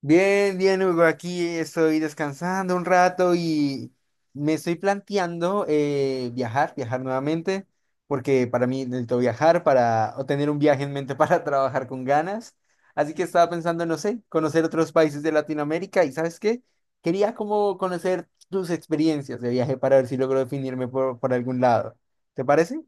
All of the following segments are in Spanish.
Bien, bien, Hugo, aquí estoy descansando un rato y me estoy planteando viajar, viajar nuevamente, porque para mí necesito viajar para o tener un viaje en mente para trabajar con ganas. Así que estaba pensando, no sé, conocer otros países de Latinoamérica y ¿sabes qué? Quería como conocer tus experiencias de viaje para ver si logro definirme por algún lado. ¿Te parece?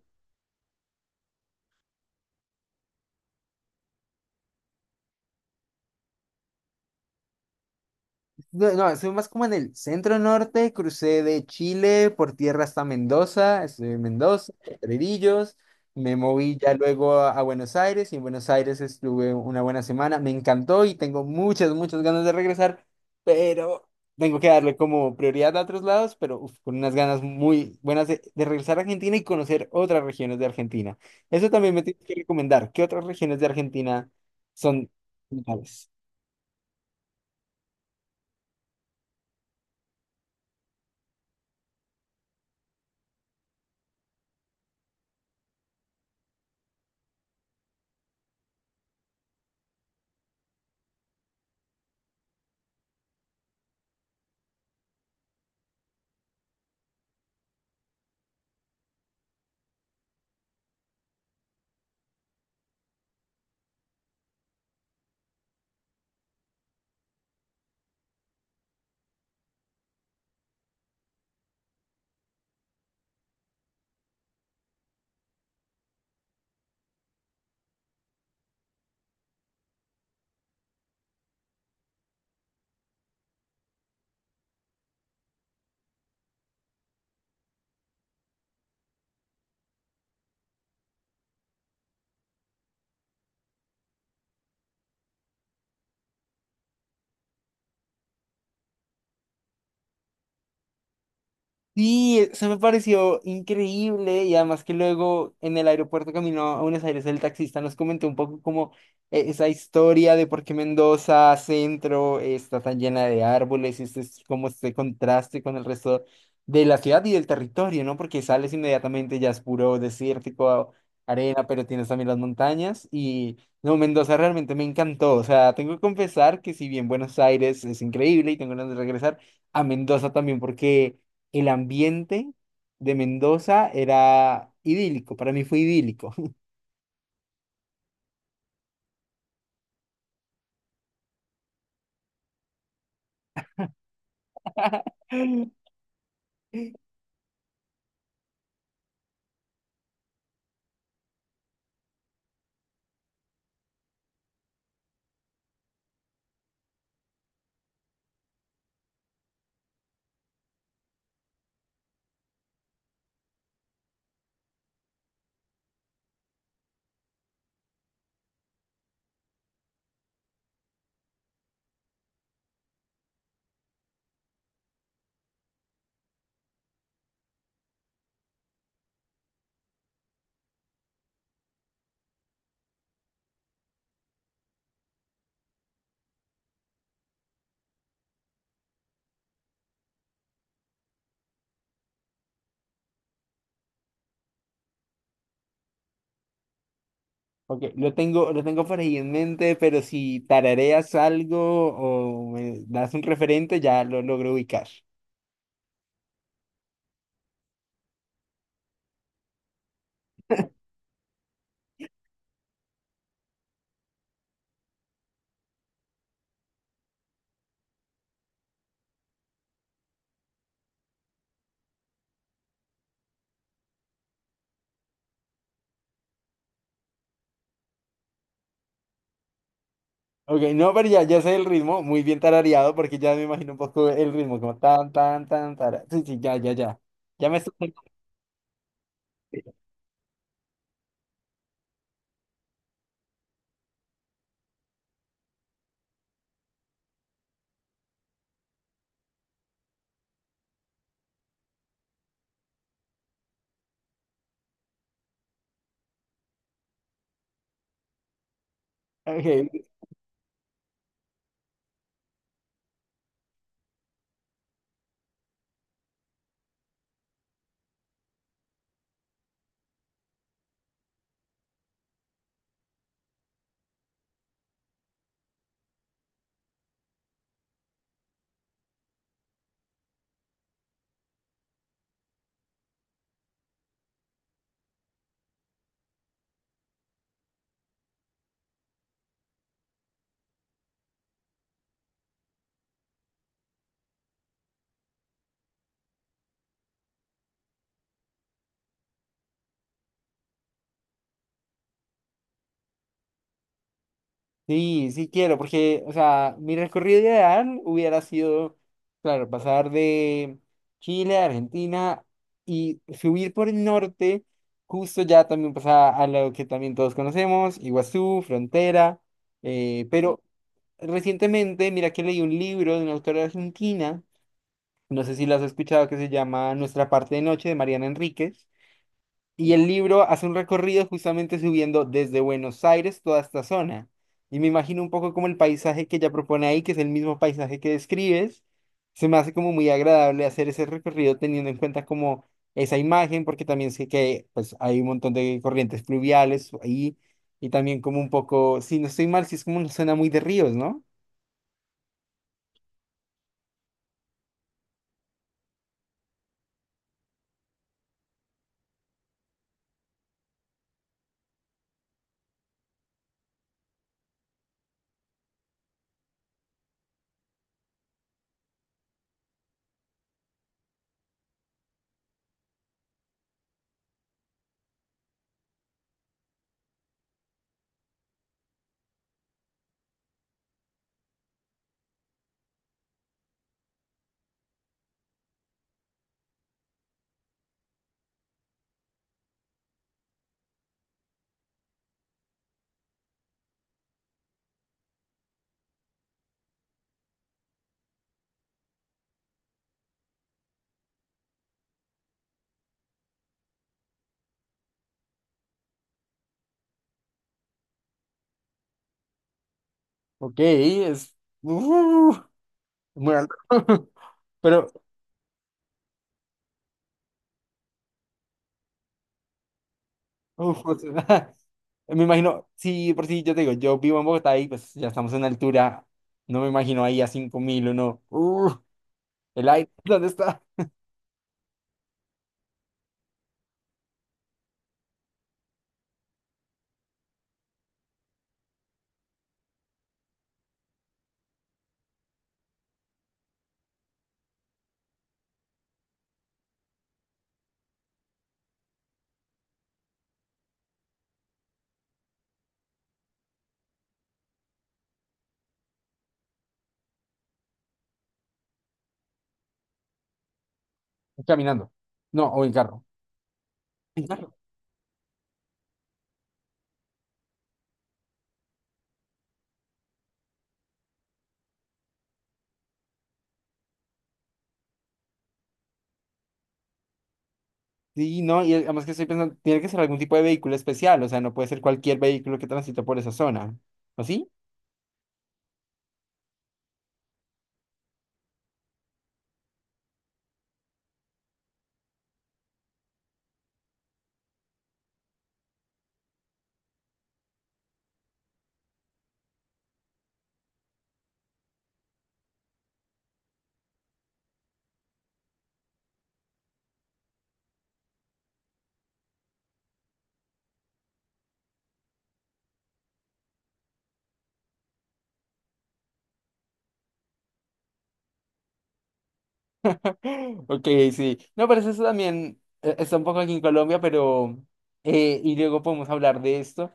No, no, estuve más como en el centro norte, crucé de Chile por tierra hasta Mendoza, estuve en Mendoza, Herrerillos, me moví ya luego a Buenos Aires y en Buenos Aires estuve una buena semana, me encantó y tengo muchas, muchas ganas de regresar, pero tengo que darle como prioridad a otros lados, pero uf, con unas ganas muy buenas de regresar a Argentina y conocer otras regiones de Argentina. Eso también me tienes que recomendar. ¿Qué otras regiones de Argentina son? ¿Brutales? Sí, e, se me pareció increíble y además que luego en el aeropuerto camino a Buenos Aires el taxista nos comentó un poco como esa historia de por qué Mendoza Centro está tan llena de árboles y este es como este contraste con el resto de la ciudad y del territorio, ¿no? Porque sales inmediatamente ya es puro desértico, arena, pero tienes también las montañas y no, Mendoza realmente me encantó, o sea, tengo que confesar que si bien Buenos Aires es increíble y tengo ganas de regresar a Mendoza también porque el ambiente de Mendoza era idílico, para mí fue idílico. Ok, lo tengo por ahí en mente, pero si tarareas algo o me das un referente, ya lo logro ubicar. Ok, no, pero ya, ya sé el ritmo, muy bien tarareado, porque ya me imagino un poco el ritmo, como tan, tan, tan, tara. Sí, sí, ya, ya, ya. Ya me estoy... Ok. Sí, sí quiero, porque, o sea, mi recorrido ideal hubiera sido, claro, pasar de Chile a Argentina y subir por el norte, justo ya también pasar a lo que también todos conocemos, Iguazú, Frontera, pero recientemente, mira que leí un libro de una autora argentina, no sé si lo has escuchado, que se llama Nuestra parte de noche, de Mariana Enríquez. Y el libro hace un recorrido justamente subiendo desde Buenos Aires toda esta zona. Y me imagino un poco como el paisaje que ella propone ahí, que es el mismo paisaje que describes. Se me hace como muy agradable hacer ese recorrido teniendo en cuenta como esa imagen, porque también sé que pues, hay un montón de corrientes fluviales ahí. Y también como un poco, si no estoy mal, si es como una zona muy de ríos, ¿no? Ok, es... ¡Uh! Muy alto. Pero uf, o sea, me imagino, sí, por sí, yo te digo, yo vivo en Bogotá y pues ya estamos en altura, no me imagino ahí a 5.000 o no. El aire, ¿dónde está? Caminando. No, o en carro. En carro. Sí, no, y además que estoy pensando, tiene que ser algún tipo de vehículo especial, o sea, no puede ser cualquier vehículo que transite por esa zona. ¿O sí? Ok, sí. No, pero eso también está un poco aquí en Colombia, pero... y luego podemos hablar de esto.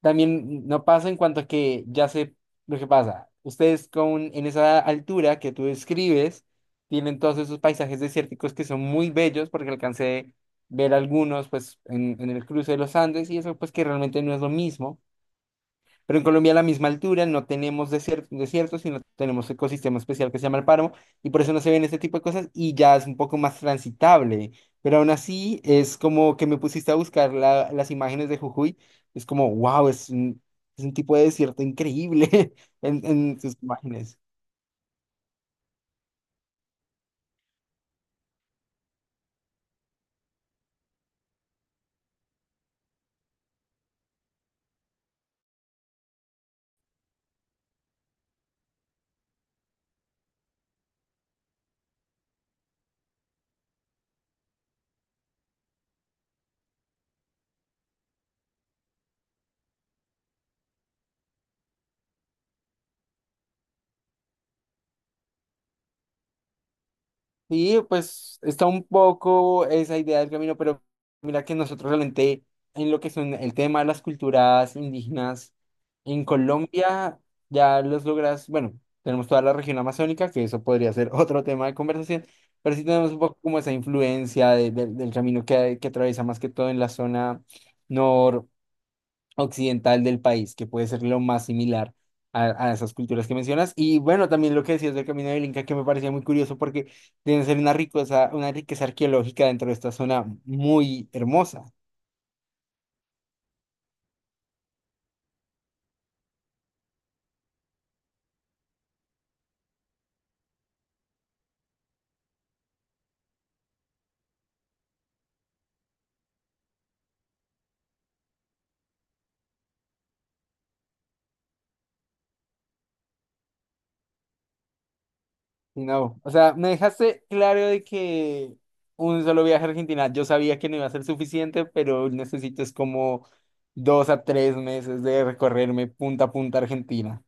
También no pasa en cuanto a que ya sé lo que pasa. Ustedes con, en esa altura que tú describes, tienen todos esos paisajes desérticos que son muy bellos porque alcancé ver algunos pues en el cruce de los Andes y eso pues que realmente no es lo mismo. Pero en Colombia a la misma altura no tenemos desiertos, desiertos, sino tenemos ecosistema especial que se llama el páramo y por eso no se ven este tipo de cosas y ya es un poco más transitable. Pero aún así es como que me pusiste a buscar las imágenes de Jujuy. Es como, wow, es un tipo de desierto increíble en sus imágenes. Sí, pues está un poco esa idea del camino, pero mira que nosotros realmente en lo que son el tema de las culturas indígenas en Colombia ya los logras, bueno, tenemos toda la región amazónica, que eso podría ser otro tema de conversación, pero sí tenemos un poco como esa influencia del camino que atraviesa más que todo en la zona occidental del país, que puede ser lo más similar a esas culturas que mencionas. Y bueno, también lo que decías del Camino del Inca, que me parecía muy curioso porque deben ser una riqueza arqueológica dentro de esta zona muy hermosa. Y no, o sea, me dejaste claro de que un solo viaje a Argentina, yo sabía que no iba a ser suficiente, pero necesito es como 2 a 3 meses de recorrerme punta a punta Argentina.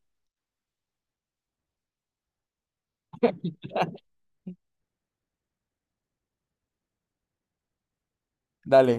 Dale.